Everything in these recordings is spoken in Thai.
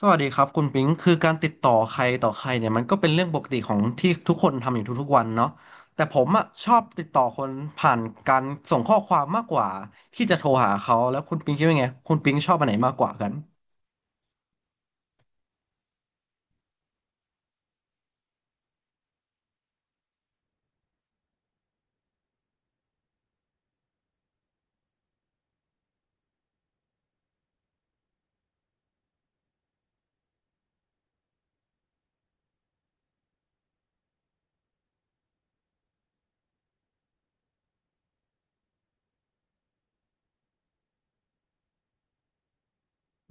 สวัสดีครับคุณปิงคือการติดต่อใครต่อใครเนี่ยมันก็เป็นเรื่องปกติของที่ทุกคนทำอยู่ทุกๆวันเนาะแต่ผมอ่ะชอบติดต่อคนผ่านการส่งข้อความมากกว่าที่จะโทรหาเขาแล้วคุณปิงคิดว่าไงคุณปิงชอบอันไหนมากกว่ากัน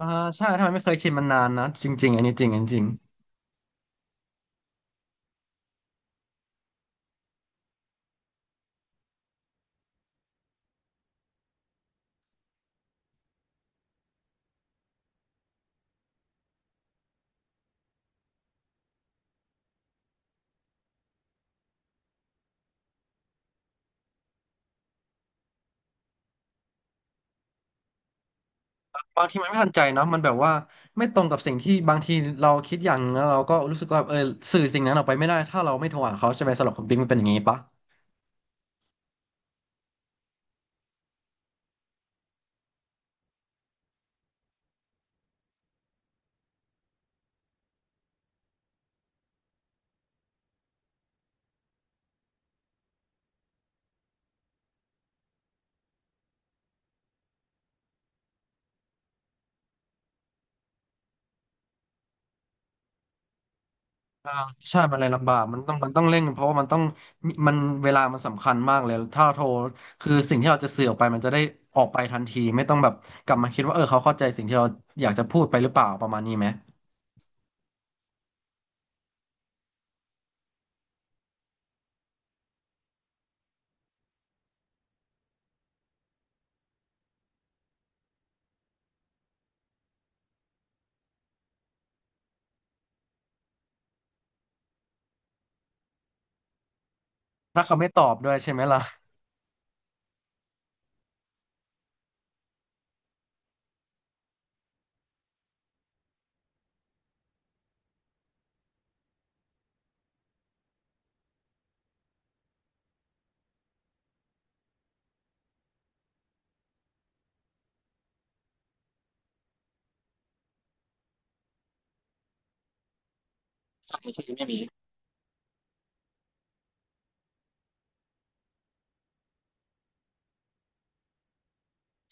อ่าใช่ถ้ามันไม่เคยชินมันนานนะจริงๆอันนี้จริงอันนี้จริงบางทีมันไม่ทันใจเนาะมันแบบว่าไม่ตรงกับสิ่งที่บางทีเราคิดอย่างนึงแล้วเราก็รู้สึกว่าเออสื่อสิ่งนั้นออกไปไม่ได้ถ้าเราไม่โทรหาเขาใช่ไหมสำหรับคุณปิงมันเป็นอย่างนี้ปะ อ่าใช่มันเลยลำบากมันต้องเร่งเพราะว่ามันต้องมีมันเวลามันสำคัญมากเลยถ้าเราโทรคือสิ่งที่เราจะสื่อออกไปมันจะได้ออกไปทันทีไม่ต้องแบบกลับมาคิดว่าเออเขาเข้าใจสิ่งที่เราอยากจะพูดไปหรือเปล่าประมาณนี้ไหมถ้าเขาไม่ตอบด้วยใช่ไหมล่ะ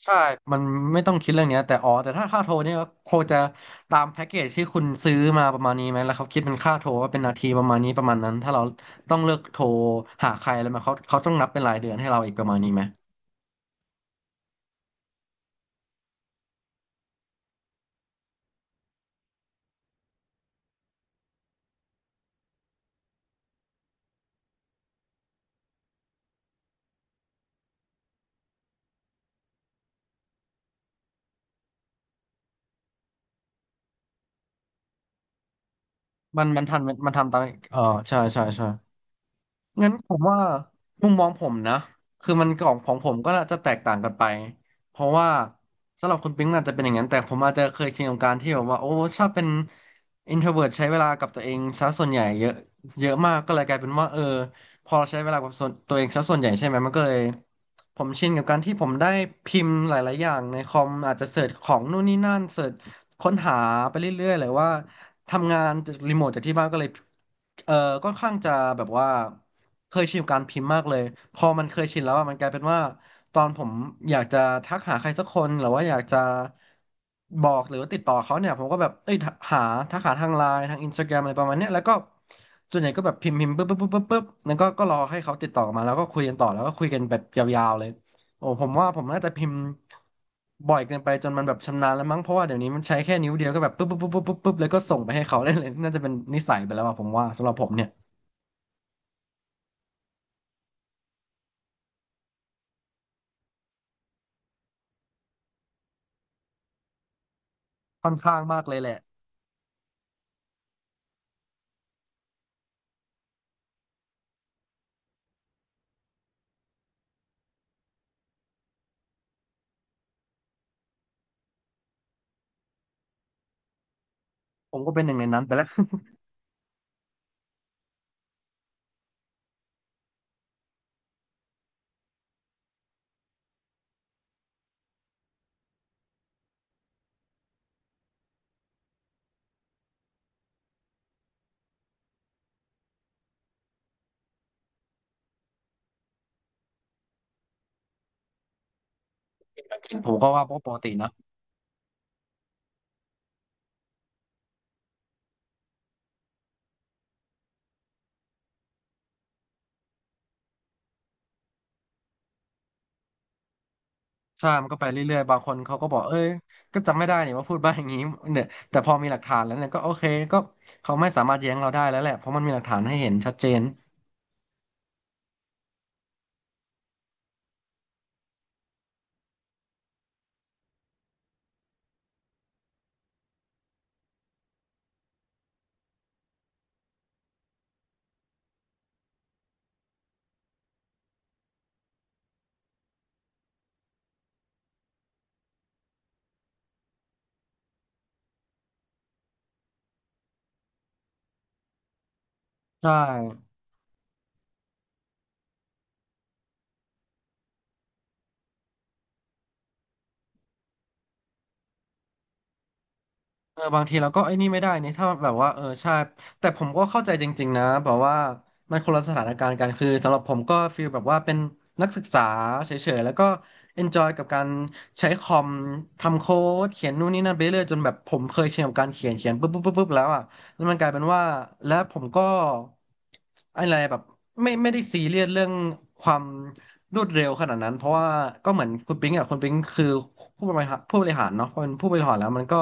ใช่มันไม่ต้องคิดเรื่องเนี้ยแต่อ๋อแต่ถ้าค่าโทรเนี่ยก็คงจะตามแพ็กเกจที่คุณซื้อมาประมาณนี้ไหมแล้วเขาคิดเป็นค่าโทรว่าเป็นนาทีประมาณนี้ประมาณนั้นถ้าเราต้องเลือกโทรหาใครอะไรมาเขาต้องนับเป็นรายเดือนให้เราอีกประมาณนี้ไหม มันทันมันทำตามเออใช่ใช่ใช่งั้นผมว่ามุมมองผมนะคือมันของผมก็น่าจะแตกต่างกันไปเพราะว่าสำหรับคุณปิ๊งอาจจะเป็นอย่างนั้นแต่ผมอาจจะเคยชินกับการที่แบบว่าโอ้ชอบเป็น introvert ใช้เวลากับตัวเองซะส่วนใหญ่เยอะเยอะมากก็เลยกลายเป็นว่าเออพอเราใช้เวลากับส่วนตัวเองซะส่วนใหญ่ใช่ไหมมันก็เลยผมชินกับการที่ผมได้พิมพ์หลายๆอย่างในคอมอาจจะเสิร์ชของนู่นนี่นั่นเสิร์ชค้นหาไปเรื่อยๆเลยว่า ทำงานรีโมทจากที่บ้านก็เลยเอ่อค่อนข้างจะแบบว่าเคยชินกับการพิมพ์มากเลยพอมันเคยชินแล้วอะมันกลายเป็นว่าตอนผมอยากจะทักหาใครสักคนหรือว่าอยากจะบอกหรือว่าติดต่อเขาเนี่ยผมก็แบบเอ้ยหาทักหาทางไลน์ทางอินสตาแกรมอะไรประมาณเนี้ยแล้วก็ส่วนใหญ่ก็แบบพิมพ์ปุ๊บปุ๊บปุ๊บปุ๊บปุ๊บแล้วก็รอให้เขาติดต่อมาแล้วก็คุยกันต่อแล้วก็คุยกันแบบยาวๆเลย โอ้ผมว่าผมน่าจะพิมพ์บ่อยเกินไปจนมันแบบชำนาญแล้วมั้งเพราะว่าเดี๋ยวนี้มันใช้แค่นิ้วเดียวก็แบบปุ๊บปุ๊บปุ๊บปุ๊บปุ๊บป๊บแล้วก็ส่งไปให้เขา ได้เลยน่าจะเป็นนิสัยไปแล้วอะผมว่าสำหรับผมเนี่ยค่อนข้างมากเลยแหละผมก็เป็นหนึ่งในนั้นไปแล้ว ผมก็ว่าปกตินะใช่มันก็ไปเรื่อยๆบางคนเขาก็บอกเอ้ยก็จำไม่ได้เนี่ยว่าพูดบ้าอย่างนี้เนี่ยแต่พอมีหลักฐานแล้วเนี่ยก็โอเคก็เขาไม่สามารถแย้งเราได้แล้วแหละเพราะมันมีหลักฐานให้เห็นชัดเจนใช่ เออบางทีเราก็ไอ้นี่ไม่ได้นี่ถ้าแบบว่าเออใช่แต่ผมก็เข้าใจจริงๆนะแบบว่ามันคนละสถานการณ์กันคือสำหรับผมก็ฟีลแบบว่าเป็นนักศึกษาเฉยๆแล้วก็ enjoy กับการใช้คอมทำโค้ดเขียนนู่นนี่นั่นไปเรื่อยจนแบบผมเคยชินกับการเขียนปุ๊บปุ๊บปุ๊บปุ๊บแล้วอ่ะ แล้วมันกลายเป็นว่าแล้วผมก็อะไรแบบไม่ได้ซีเรียสเรื่องความรวดเร็วขนาดนั้นเพราะว่าก็เหมือนคุณปิ๊งอ่ะคุณปิ๊งคือผู้บริหารเนาะพอเป็นผู้บริหารแล้วมันก็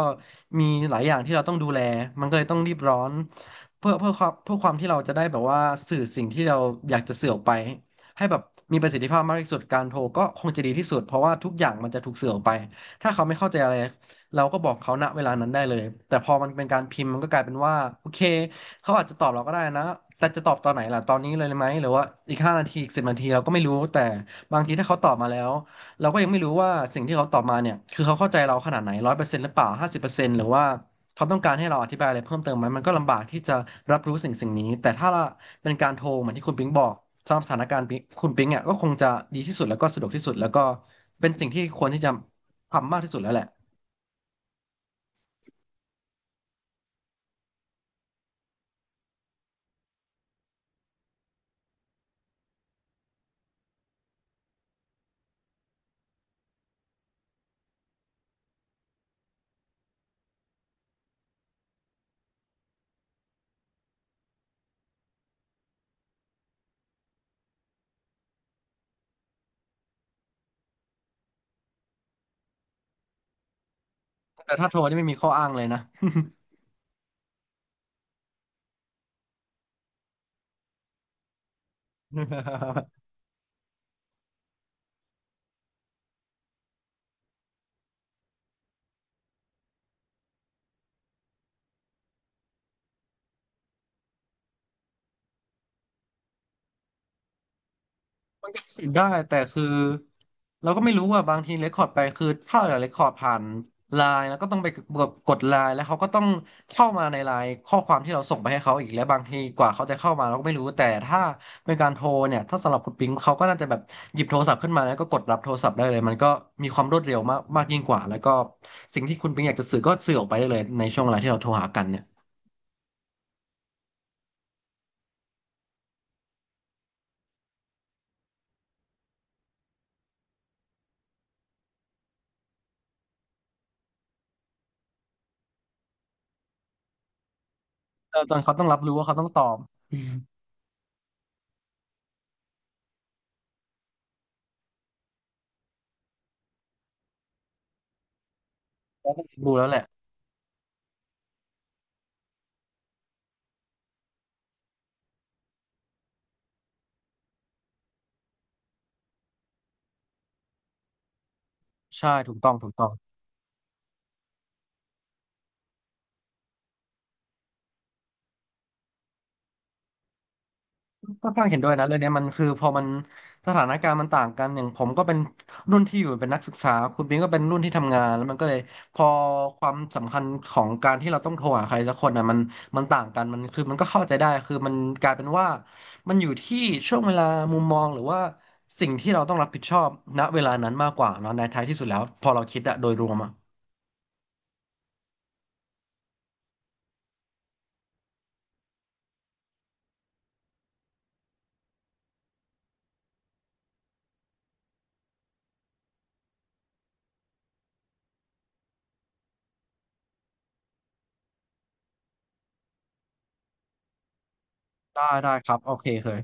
มีหลายอย่างที่เราต้องดูแลมันก็เลยต้องรีบร้อนเพื่อเพื่อความเพื่อความที่เราจะได้แบบว่าสื่อสิ่งที่เราอยากจะสื่อออกไปให้แบบมีประสิทธิภาพมากที่สุดการโทรก็คงจะดีที่สุดเพราะว่าทุกอย่างมันจะถูกสื่อออกไปถ้าเขาไม่เข้าใจอะไร เราก็บอกเขาณเวลานั้นได้เลยแต่พอมันเป็นการพิมพ์มันก็กลายเป็นว่าโอเคเขาอาจจะตอบเราก็ได้นะแต่จะตอบตอนไหนล่ะตอนนี้เลยไหมหรือว่าอีก5 นาทีอีก10 นาทีเราก็ไม่รู้แต่บางทีถ้าเขาตอบมาแล้วเราก็ยังไม่รู้ว่าสิ่งที่เขาตอบมาเนี่ยคือเขาเข้าใจเราขนาดไหน100%หรือเปล่า50%หรือว่าเขาต้องการให้เราอธิบายอะไรเพิ่มเติมไหมมันก็ลำบากที่จะรับรู้สิ่งนี้แต่ถ้าเป็นการโทรเหมือนที่คุณปิ๊งบอกสำหรับสถานการณ์ปิ๊งคุณปิ๊งเนี่ยก็คงจะดีที่สุดแล้วก็สะดวกที่สุดแล้วก็เป็นสิ่งที่ควรที่จะทำมากที่สุดแล้วแหละ แต่ถ้าโทรนี่ไม่มีข้ออ้างเลยนะ มันก็สิทธิ์ได้แต่คือเราก็ไม่รู้ว่าบางทีเรคคอร์ดไปคือถ้าเราอยากเรคคอร์ดผ่านไลน์แล้วก็ต้องไปกดไลน์แล้วเขาก็ต้องเข้ามาในไลน์ข้อความที่เราส่งไปให้เขาอีกแล้วบางทีกว่าเขาจะเข้ามาเราก็ไม่รู้แต่ถ้าเป็นการโทรเนี่ยถ้าสำหรับคุณปิงเขาก็น่าจะแบบหยิบโทรศัพท์ขึ้นมาแล้วก็กดรับโทรศัพท์ได้เลยมันก็มีความรวดเร็วมากมากยิ่งกว่าแล้วก็สิ่งที่คุณปิงอยากจะสื่อก็สื่อออกไปได้เลยในช่วงเวลาที่เราโทรหากันเนี่ยตออจนเขาต้องรับรู้ว่าเขาต้องตอบ ดูแล้วแหละใช่ถูกต้องถูกต้องค่อนข้างเห็นด้วยนะเรื่องเนี้ยมันคือพอมันสถานการณ์มันต่างกันอย่างผมก็เป็นรุ่นที่อยู่เป็นนักศึกษาคุณบิงก็เป็นรุ่นที่ทำงานแล้วมันก็เลยพอความสำคัญของการที่เราต้องโทรหาใครสักคนอ่ะมันต่างกันมันคือมันก็เข้าใจได้คือมันกลายเป็นว่ามันอยู่ที่ช่วงเวลามุมมองหรือว่าสิ่งที่เราต้องรับผิดชอบณเวลานั้นมากกว่าเนาะในท้ายที่สุดแล้วพอเราคิดอะโดยรวมอะได้ได้ครับโอเคเคย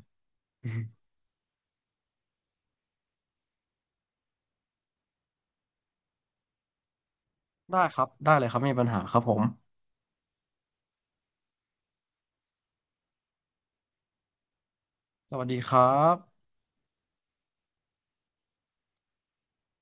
ได้ครับได้เลยครับไม่มีปัญหาครับผม สวัสดีครับ